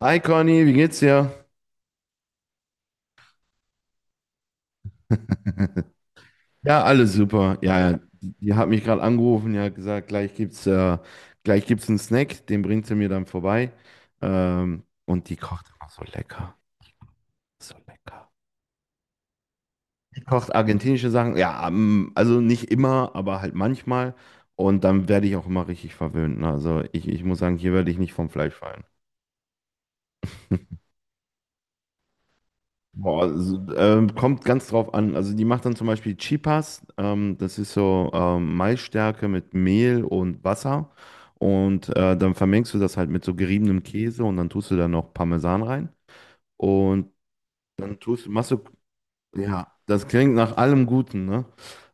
Hi Conny, wie geht's dir? Ja, alles super. Ja, ja, die hat mich gerade angerufen, ja, gesagt, gleich gibt's einen Snack, den bringt sie mir dann vorbei. Und die kocht immer so lecker, so lecker. Die kocht argentinische Sachen, ja, also nicht immer, aber halt manchmal. Und dann werde ich auch immer richtig verwöhnt, ne? Also ich muss sagen, hier werde ich nicht vom Fleisch fallen. Boah, also, kommt ganz drauf an. Also die macht dann zum Beispiel Chipas. Das ist so, Maisstärke mit Mehl und Wasser. Und dann vermengst du das halt mit so geriebenem Käse und dann tust du da noch Parmesan rein. Und dann machst du. Ja, das klingt nach allem Guten, ne?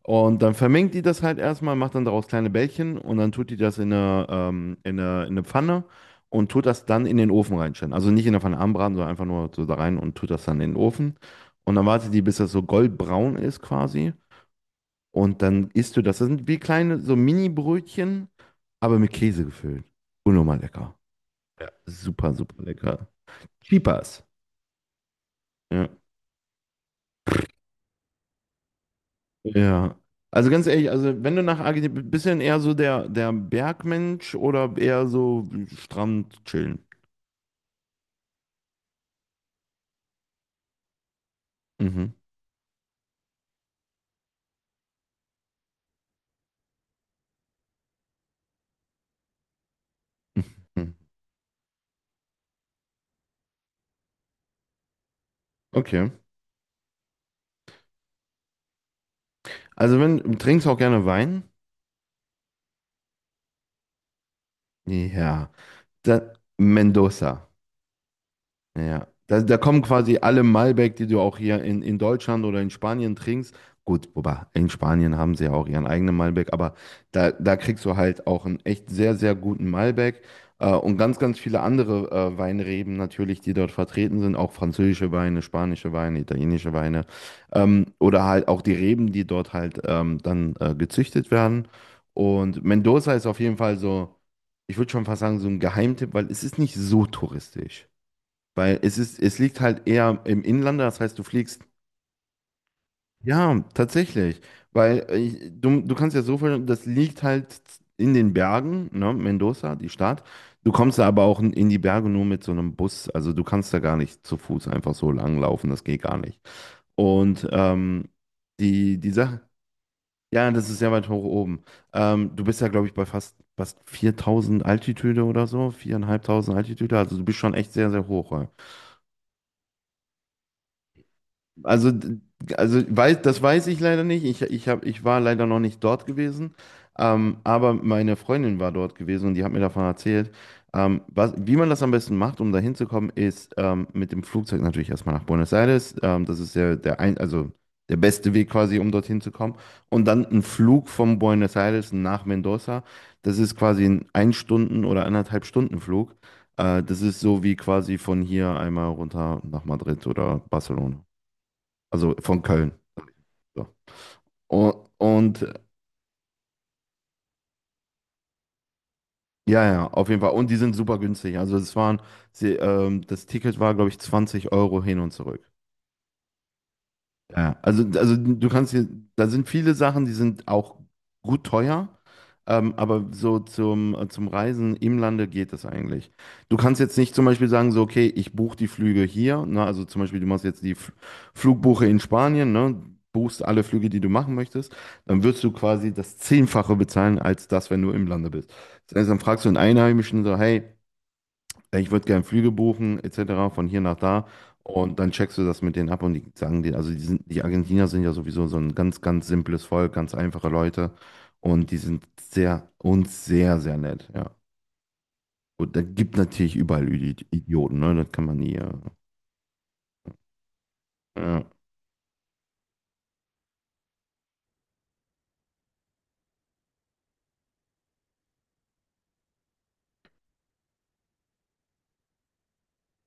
Und dann vermengt die das halt erstmal, macht dann daraus kleine Bällchen und dann tut die das in eine Pfanne und tut das dann in den Ofen reinstellen. Also nicht in der Pfanne anbraten, sondern einfach nur so da rein und tut das dann in den Ofen. Und dann wartet die, bis das so goldbraun ist quasi. Und dann isst du das. Das sind wie kleine, so Mini-Brötchen, aber mit Käse gefüllt. Unnormal lecker. Ja. Super, super lecker. Cheapers. Ja. Ja. Also ganz ehrlich, also wenn du nach Argentinien, bisschen eher so der Bergmensch oder eher so Strand chillen? Mhm. Hm. Okay. Also wenn, trinkst du auch gerne Wein? Ja. Dann Mendoza. Ja, da kommen quasi alle Malbec, die du auch hier in Deutschland oder in Spanien trinkst. Gut, wobei in Spanien haben sie ja auch ihren eigenen Malbec, aber da kriegst du halt auch einen echt sehr, sehr guten Malbec, und ganz, ganz viele andere Weinreben natürlich, die dort vertreten sind, auch französische Weine, spanische Weine, italienische Weine, oder halt auch die Reben, die dort halt dann gezüchtet werden. Und Mendoza ist auf jeden Fall so, ich würde schon fast sagen, so ein Geheimtipp, weil es ist nicht so touristisch. Weil es ist, es liegt halt eher im Inlander, das heißt, du fliegst. Ja, tatsächlich. Weil du kannst ja so viel, das liegt halt in den Bergen, ne, Mendoza, die Stadt. Du kommst da aber auch in die Berge nur mit so einem Bus. Also du kannst da gar nicht zu Fuß einfach so langlaufen, das geht gar nicht. Und die Sache, ja, das ist sehr weit hoch oben. Du bist ja, glaube ich, bei fast 4000 Altitude oder so, 4500 Altitude. Also du bist schon echt sehr, sehr hoch. Also, das weiß ich leider nicht. Ich war leider noch nicht dort gewesen. Aber meine Freundin war dort gewesen und die hat mir davon erzählt. Wie man das am besten macht, um da hinzukommen, ist mit dem Flugzeug natürlich erstmal nach Buenos Aires. Das ist ja also der beste Weg quasi, um dorthin zu kommen. Und dann ein Flug von Buenos Aires nach Mendoza. Das ist quasi ein Stunden- oder anderthalb Stunden Flug. Das ist so wie quasi von hier einmal runter nach Madrid oder Barcelona. Also von Köln. So. Und, und äh, ja, ja, auf jeden Fall. Und die sind super günstig. Das Ticket war, glaube ich, 20 Euro hin und zurück. Ja, also du kannst hier, da sind viele Sachen, die sind auch gut teuer, aber so zum Reisen im Lande geht das eigentlich. Du kannst jetzt nicht zum Beispiel sagen, so, okay, ich buche die Flüge hier, ne, also zum Beispiel, du machst jetzt Flugbuche in Spanien, ne, buchst alle Flüge, die du machen möchtest, dann wirst du quasi das Zehnfache bezahlen, als das, wenn du im Lande bist. Das heißt, dann fragst du einen Einheimischen so, hey, ey, ich würde gerne Flüge buchen, etc., von hier nach da. Und dann checkst du das mit denen ab und die sagen dir, also die sind, die Argentinier sind ja sowieso so ein ganz, ganz simples Volk, ganz einfache Leute. Und die sind sehr, uns sehr, sehr nett, ja. Und da gibt natürlich überall Idioten, ne? Das kann man nie. Ja.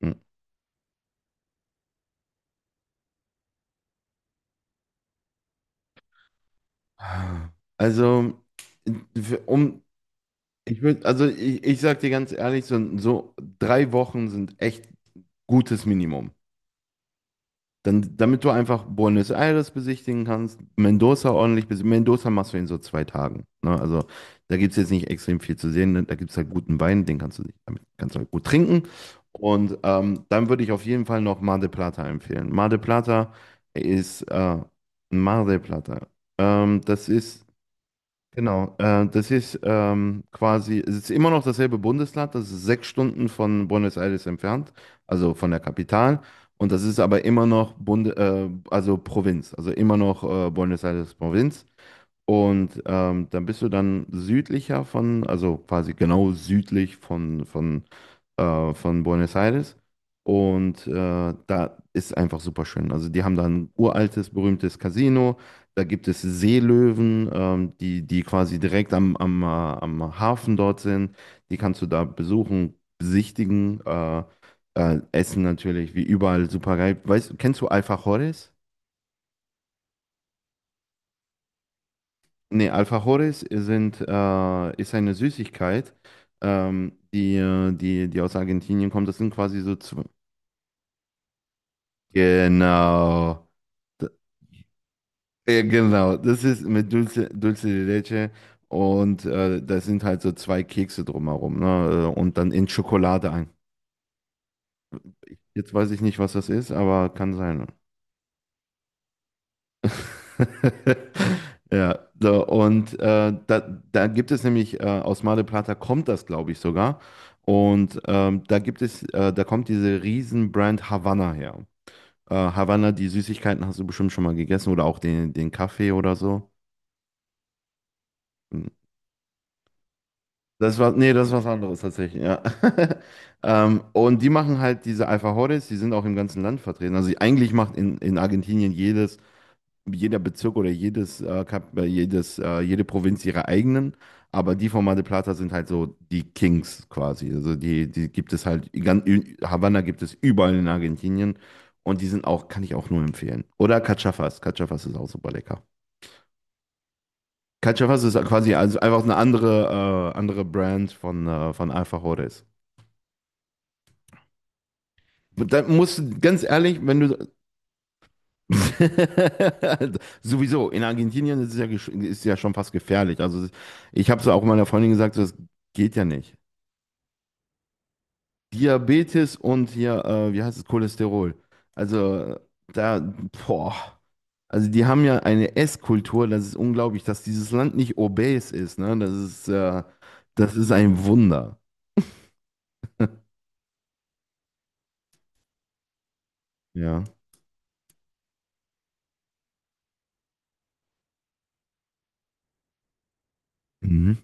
Hm. Also, für- um, ich würde, also ich sag dir ganz ehrlich, so, so 3 Wochen sind echt gutes Minimum. Dann, damit du einfach Buenos Aires besichtigen kannst, Mendoza ordentlich besichtigen. Mendoza machst du in so 2 Tagen, ne? Also da gibt es jetzt nicht extrem viel zu sehen, ne? Da gibt es halt guten Wein, den kannst du, damit kannst du halt gut trinken. Und dann würde ich auf jeden Fall noch Mar del Plata empfehlen. Ist äh, Mar del Plata. Das ist genau, das ist quasi, es ist immer noch dasselbe Bundesland, das ist 6 Stunden von Buenos Aires entfernt, also von der Kapital. Und das ist aber immer noch Bund, also Provinz, also immer noch, Buenos Aires Provinz. Und dann bist du dann südlicher von, also quasi genau südlich von, von Buenos Aires. Und da ist einfach super schön. Also die haben da ein uraltes, berühmtes Casino. Da gibt es Seelöwen, die quasi direkt am Hafen dort sind. Die kannst du da besuchen, besichtigen, essen natürlich, wie überall super geil. Weißt, kennst du Alfajores? Nee, Alfajores sind, ist eine Süßigkeit, die aus Argentinien kommt. Das sind quasi so zwei. Genau. D- Ja, genau. Das ist mit Dulce de Leche und da sind halt so zwei Kekse drumherum, ne? Und dann in Schokolade ein. Jetzt weiß ich nicht, was das ist, aber kann sein, ne? Ja, so, und da gibt es nämlich, aus Mar del Plata kommt das, glaube ich, sogar. Und da gibt es, da kommt diese Riesenbrand Havanna her. Havanna, die Süßigkeiten hast du bestimmt schon mal gegessen oder auch den Kaffee oder so. Hm. Das war, nee, das ist was anderes tatsächlich, ja. Und die machen halt diese Alfajores, die sind auch im ganzen Land vertreten. Also eigentlich macht in Argentinien jedes jeder Bezirk oder jede Provinz ihre eigenen, aber die von Mar del Plata sind halt so die Kings quasi. Also die gibt es halt, Havanna gibt es überall in Argentinien und die sind auch, kann ich auch nur empfehlen. Oder Cachafas, Cachafas ist auch super lecker. Cachafas ist quasi also einfach eine andere, andere Brand von Alfajores. Dann musst du, ganz ehrlich, wenn du. Sowieso, in Argentinien ist es ja, ist ja schon fast gefährlich. Also ich habe es auch meiner Freundin gesagt, so, das geht ja nicht. Diabetes und hier, wie heißt es, Cholesterol. Also da, boah. Also die haben ja eine Esskultur, das ist unglaublich, dass dieses Land nicht obes ist, ne? Das ist ein Wunder. Ja. Mhm.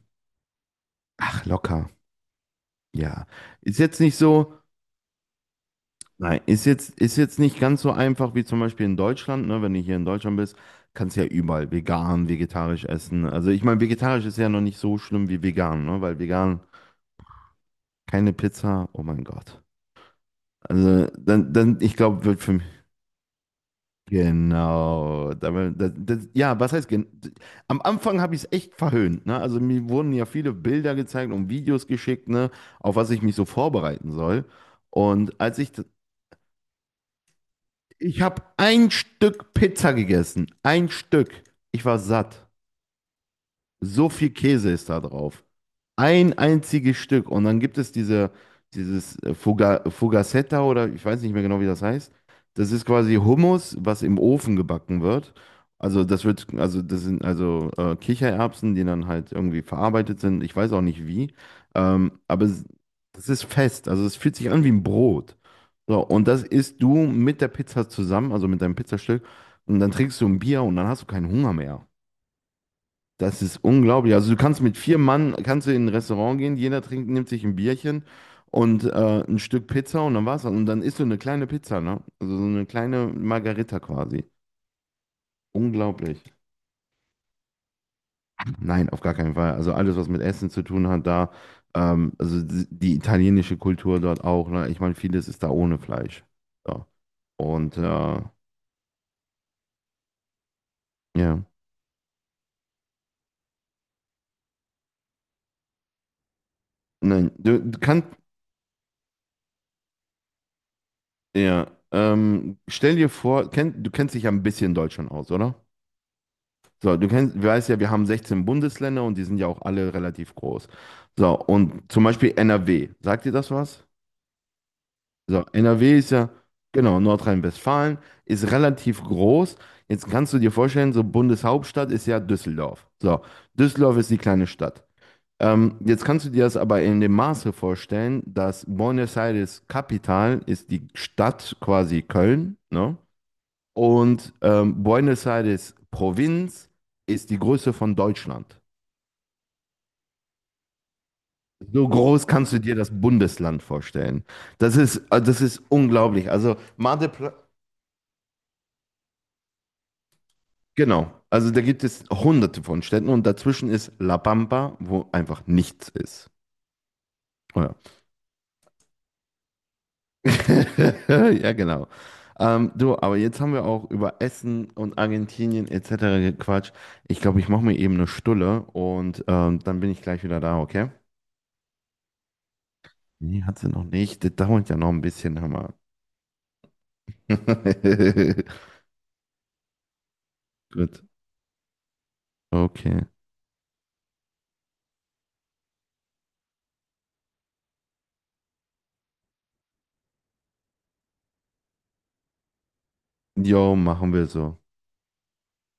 Ach, locker. Ja. Ist jetzt nicht so. Nein, ist jetzt nicht ganz so einfach wie zum Beispiel in Deutschland, ne? Wenn du hier in Deutschland bist, kannst du ja überall vegan, vegetarisch essen. Also ich meine, vegetarisch ist ja noch nicht so schlimm wie vegan, ne? Weil vegan keine Pizza, oh mein Gott. Also dann, ich glaube, wird für mich. Genau. Damit, das, ja, was heißt, am Anfang habe ich es echt verhöhnt, ne? Also mir wurden ja viele Bilder gezeigt und Videos geschickt, ne? Auf was ich mich so vorbereiten soll. Und ich habe ein Stück Pizza gegessen. Ein Stück. Ich war satt. So viel Käse ist da drauf. Ein einziges Stück. Und dann gibt es diese, dieses Fugazzetta oder ich weiß nicht mehr genau, wie das heißt. Das ist quasi Hummus, was im Ofen gebacken wird. Das sind Kichererbsen, die dann halt irgendwie verarbeitet sind. Ich weiß auch nicht wie. Ähm, aber es, das ist fest. Also es fühlt sich an wie ein Brot. So, und das isst du mit der Pizza zusammen, also mit deinem Pizzastück. Und dann trinkst du ein Bier und dann hast du keinen Hunger mehr. Das ist unglaublich. Also du kannst mit vier Mann, kannst du in ein Restaurant gehen, jeder trinkt, nimmt sich ein Bierchen und ein Stück Pizza und dann war's das. Und dann isst du eine kleine Pizza, ne? Also so eine kleine Margarita quasi. Unglaublich. Nein, auf gar keinen Fall. Also alles, was mit Essen zu tun hat, da, also die italienische Kultur dort auch, ne? Ich meine, vieles ist da ohne Fleisch. Ja. Und ja. Nein, ja, stell dir vor, du kennst dich ja ein bisschen Deutsch schon aus, oder? So, du kennst, du weißt ja, wir haben 16 Bundesländer und die sind ja auch alle relativ groß. So, und zum Beispiel NRW. Sagt dir das was? So, NRW ist ja, genau, Nordrhein-Westfalen ist relativ groß. Jetzt kannst du dir vorstellen, so Bundeshauptstadt ist ja Düsseldorf. So, Düsseldorf ist die kleine Stadt. Jetzt kannst du dir das aber in dem Maße vorstellen, dass Buenos Aires Kapital ist, die Stadt quasi Köln, ne? Und Buenos Aires Provinz ist die Größe von Deutschland. So groß kannst du dir das Bundesland vorstellen. Das ist unglaublich. Also genau. Also da gibt es hunderte von Städten und dazwischen ist La Pampa, wo einfach nichts ist. Oh ja. Ja, genau. Aber jetzt haben wir auch über Essen und Argentinien etc. gequatscht. Ich glaube, ich mache mir eben eine Stulle und dann bin ich gleich wieder da, okay? Nee, hat sie noch nicht. Das dauert ja noch ein bisschen, Hammer. Gut, okay. Jo, machen wir so.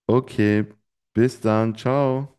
Okay, bis dann, ciao.